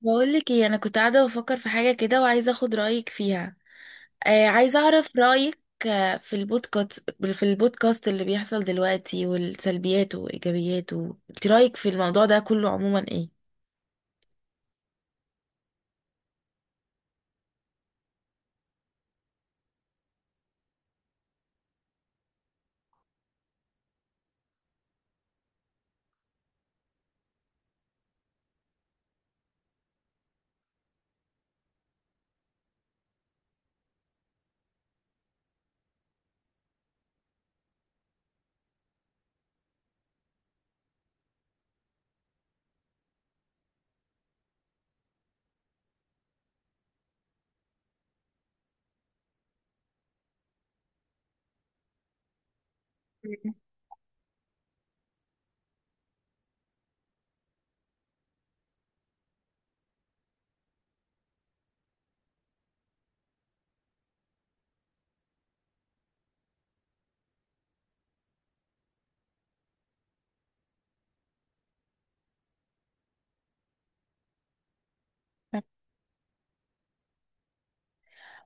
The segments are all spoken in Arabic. بقول لك ايه، انا كنت قاعده بفكر في حاجه كده وعايزه اخد رايك فيها. آه عايزه اعرف رايك. في البودكاست، في البودكاست اللي بيحصل دلوقتي والسلبيات وايجابياته، انت رايك في الموضوع ده كله عموما ايه؟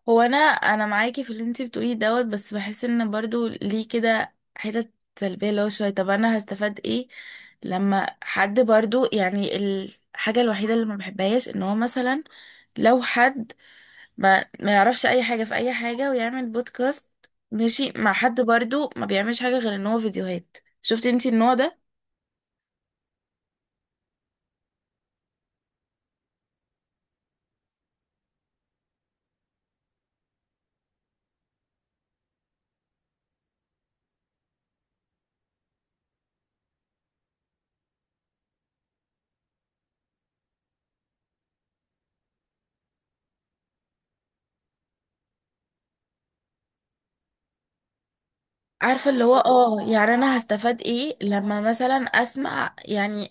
هو انا معاكي في اللي انت بتقوليه دوت، بس بحس ان برضو ليه كده حتت سلبيه اللي هو شويه. طب انا هستفاد ايه لما حد برضو يعني. الحاجه الوحيده اللي ما بحبهاش ان هو مثلا لو حد ما يعرفش اي حاجة في اي حاجة ويعمل بودكاست، ماشي مع حد برضو ما بيعملش حاجة غير ان هو فيديوهات. شفتي انتي النوع ده؟ عارفة اللي هو اه، يعني انا هستفاد ايه لما مثلا اسمع يعني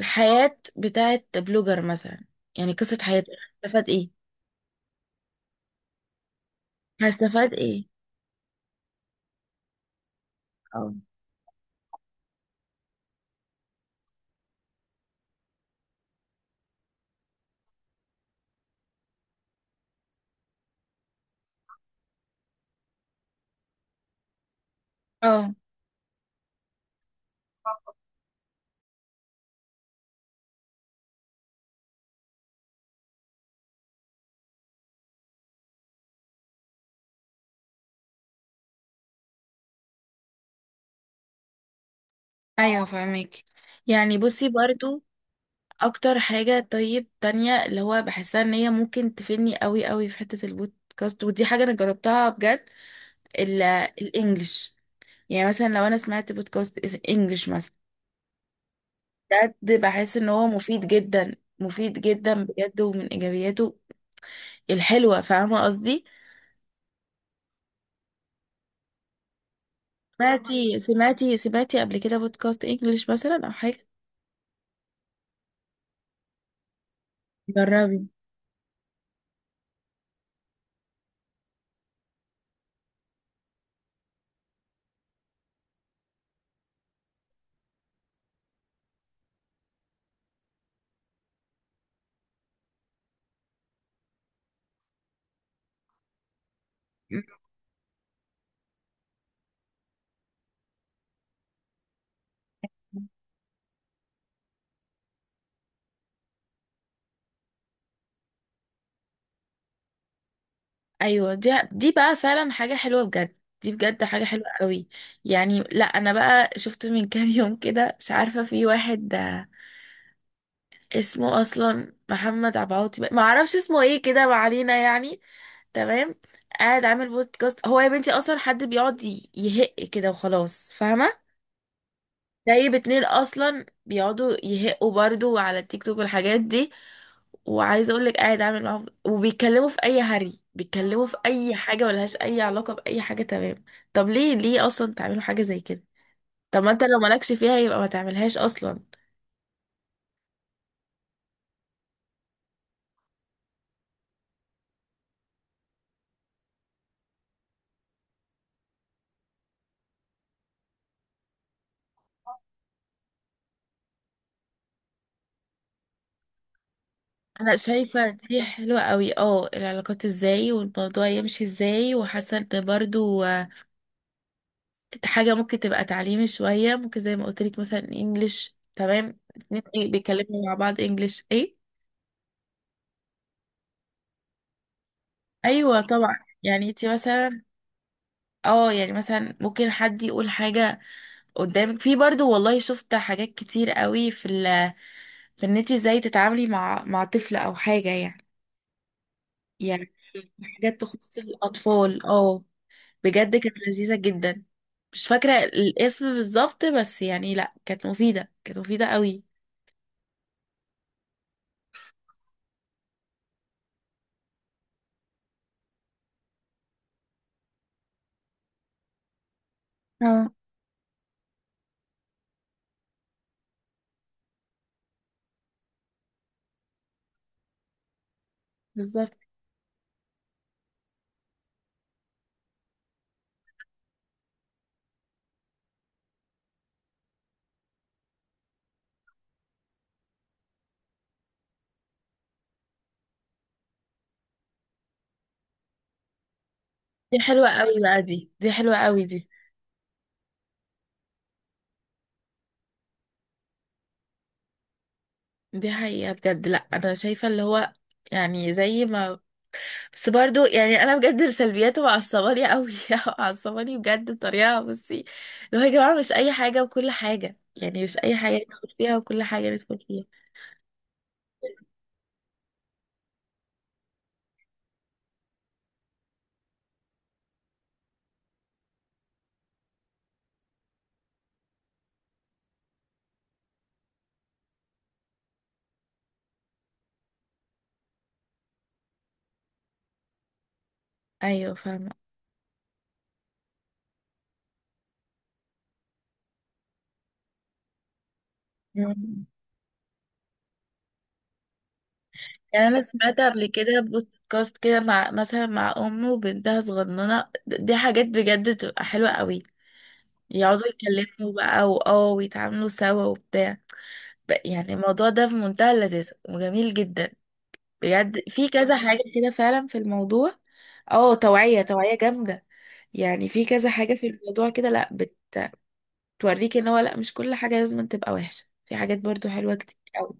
الحياة بتاعت بلوجر مثلا؟ يعني قصة حياته هستفاد ايه؟ هستفاد ايه؟ اه. اه. ايوه فاهمك. يعني بصي برضو، اكتر حاجة طيب تانية اللي هو بحسها ان هي ممكن تفيدني قوي قوي في حتة البودكاست، ودي حاجة انا جربتها بجد. ال- الانجليش. يعني مثلا لو انا سمعت بودكاست انجليش مثلا، بجد بحس ان هو مفيد جدا، مفيد جدا بجد، ومن ايجابياته الحلوة. فاهمة قصدي؟ سمعتي سمعتي قبل كده بودكاست انجليش مثلا او حاجة؟ جربي. ايوه دي بقى فعلا حاجه حلوه بجد، دي بجد حاجه حلوه قوي. يعني لا انا بقى شفت من كام يوم كده، مش عارفه، في واحد اسمه اصلا محمد عبعوتي، ما اعرفش اسمه ايه كده، ما علينا يعني. تمام. قاعد عامل بودكاست هو يا بنتي، اصلا حد بيقعد يهق كده وخلاص؟ فاهمه؟ جايب اتنين اصلا بيقعدوا يهقوا برضو على التيك توك والحاجات دي، وعايزه اقول لك قاعد عامل معاهم وبيتكلموا في اي هري، بيتكلموا في اي حاجه ملهاش اي علاقه باي حاجه. تمام. طب ليه اصلا تعملوا حاجه زي كده؟ طب ما انت لو مالكش فيها يبقى ما تعملهاش اصلا. انا شايفه دي حلوه قوي، اه، العلاقات ازاي والموضوع يمشي ازاي، وحاسه ان برضو حاجه ممكن تبقى تعليمي شويه، ممكن زي ما قلت لك مثلا انجليش، تمام؟ اتنين إيه بيتكلموا مع بعض انجليش ايه. ايوه طبعا. يعني انت مثلا اه، يعني مثلا ممكن حد يقول حاجه قدامك، في برضو والله شفت حاجات كتير قوي في ال، في ان انت ازاي تتعاملي مع مع طفل او حاجه يعني. يعني حاجات تخص الاطفال، اه، بجد كانت لذيذة جدا. مش فاكرة الاسم بالظبط بس يعني لا، كانت مفيدة، كانت مفيدة قوي. اه. بالظبط. دي حلوة قوي بقى، دي حلوة قوي دي. دي حقيقة بجد. لا انا شايفة اللي هو يعني زي ما، بس برضو يعني انا بجد سلبياته معصباني قوي معصباني بجد بطريقة. بصي، اللي هو يا جماعة مش اي حاجة وكل حاجة، يعني مش اي حاجة ندخل فيها وكل حاجة ندخل فيها. ايوه فاهمة. يعني انا سمعت قبل كده بودكاست كده مع مثلا مع ام وبنتها صغننه، دي حاجات بجد تبقى حلوه قوي. يقعدوا يتكلموا بقى واه، ويتعاملوا سوا وبتاع، يعني الموضوع ده في منتهى اللذاذه وجميل جدا. بجد في كذا حاجه كده فعلا في الموضوع. اه، توعيه، توعيه جامده. يعني في كذا حاجه في الموضوع كده، لا بتوريك ان هو لا، مش كل حاجه لازم تبقى وحشه، في حاجات برضو حلوه كتير قوي.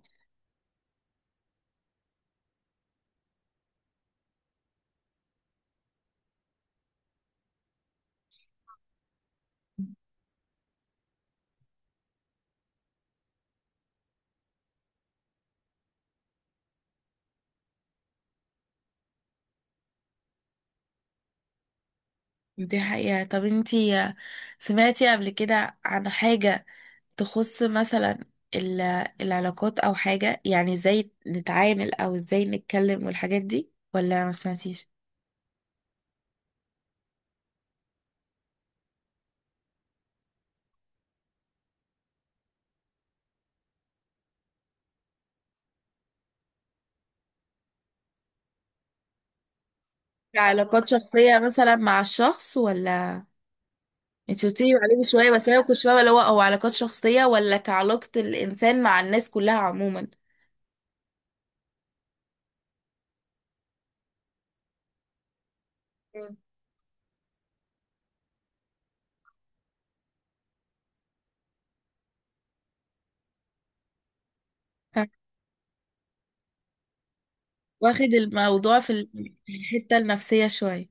دي حقيقة. طب انتي سمعتي قبل كده عن حاجة تخص مثلا ال- العلاقات او حاجة، يعني ازاي نتعامل او ازاي نتكلم والحاجات دي، ولا ما سمعتيش؟ علاقات شخصية مثلا مع الشخص، ولا انتي قلتيلي عليه من شوية بس انا كنت فاهمة اللي هو او علاقات شخصية ولا كعلاقة الانسان مع الناس كلها عموما؟ مم. واخد الموضوع في الحتة النفسية شوية.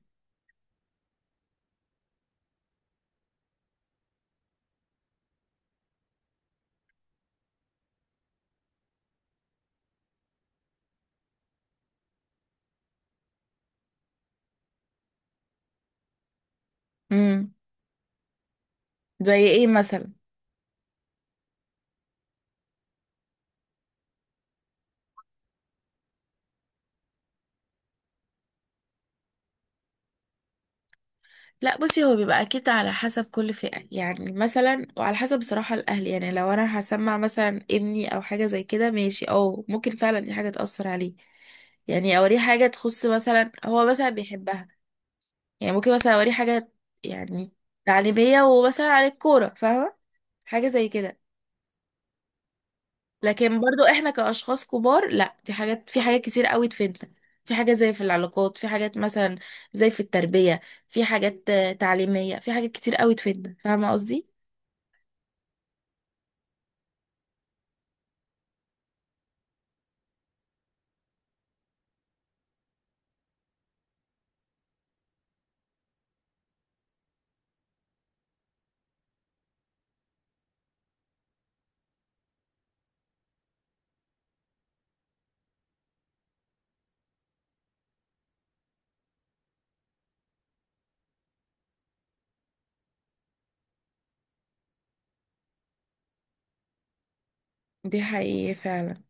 امم، زي ايه مثلا؟ لا بصي، هو بيبقى اكيد على حسب كل فئة، يعني مثلا وعلى حسب بصراحة الاهل. يعني لو انا هسمع مثلا ابني او حاجة زي كده، ماشي، اه ممكن فعلا دي حاجة تأثر عليه. يعني اوريه حاجة تخص مثلا هو مثلا بيحبها، يعني ممكن مثلا اوريه حاجة يعني تعليمية ومثلا عن الكورة، فاهمة؟ حاجة زي كده. لكن برضو احنا كأشخاص كبار لا، دي حاجات، في حاجات كتير قوي تفيدنا، في حاجات زي في العلاقات، في حاجات مثلا زي في التربية، في حاجات تعليمية، في حاجات كتير قوي تفيدنا. فاهمة قصدي؟ دي حقيقة فعلا.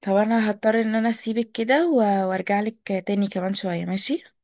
طب انا هضطر ان انا اسيبك كده وارجع لك تاني كمان شوية، ماشي؟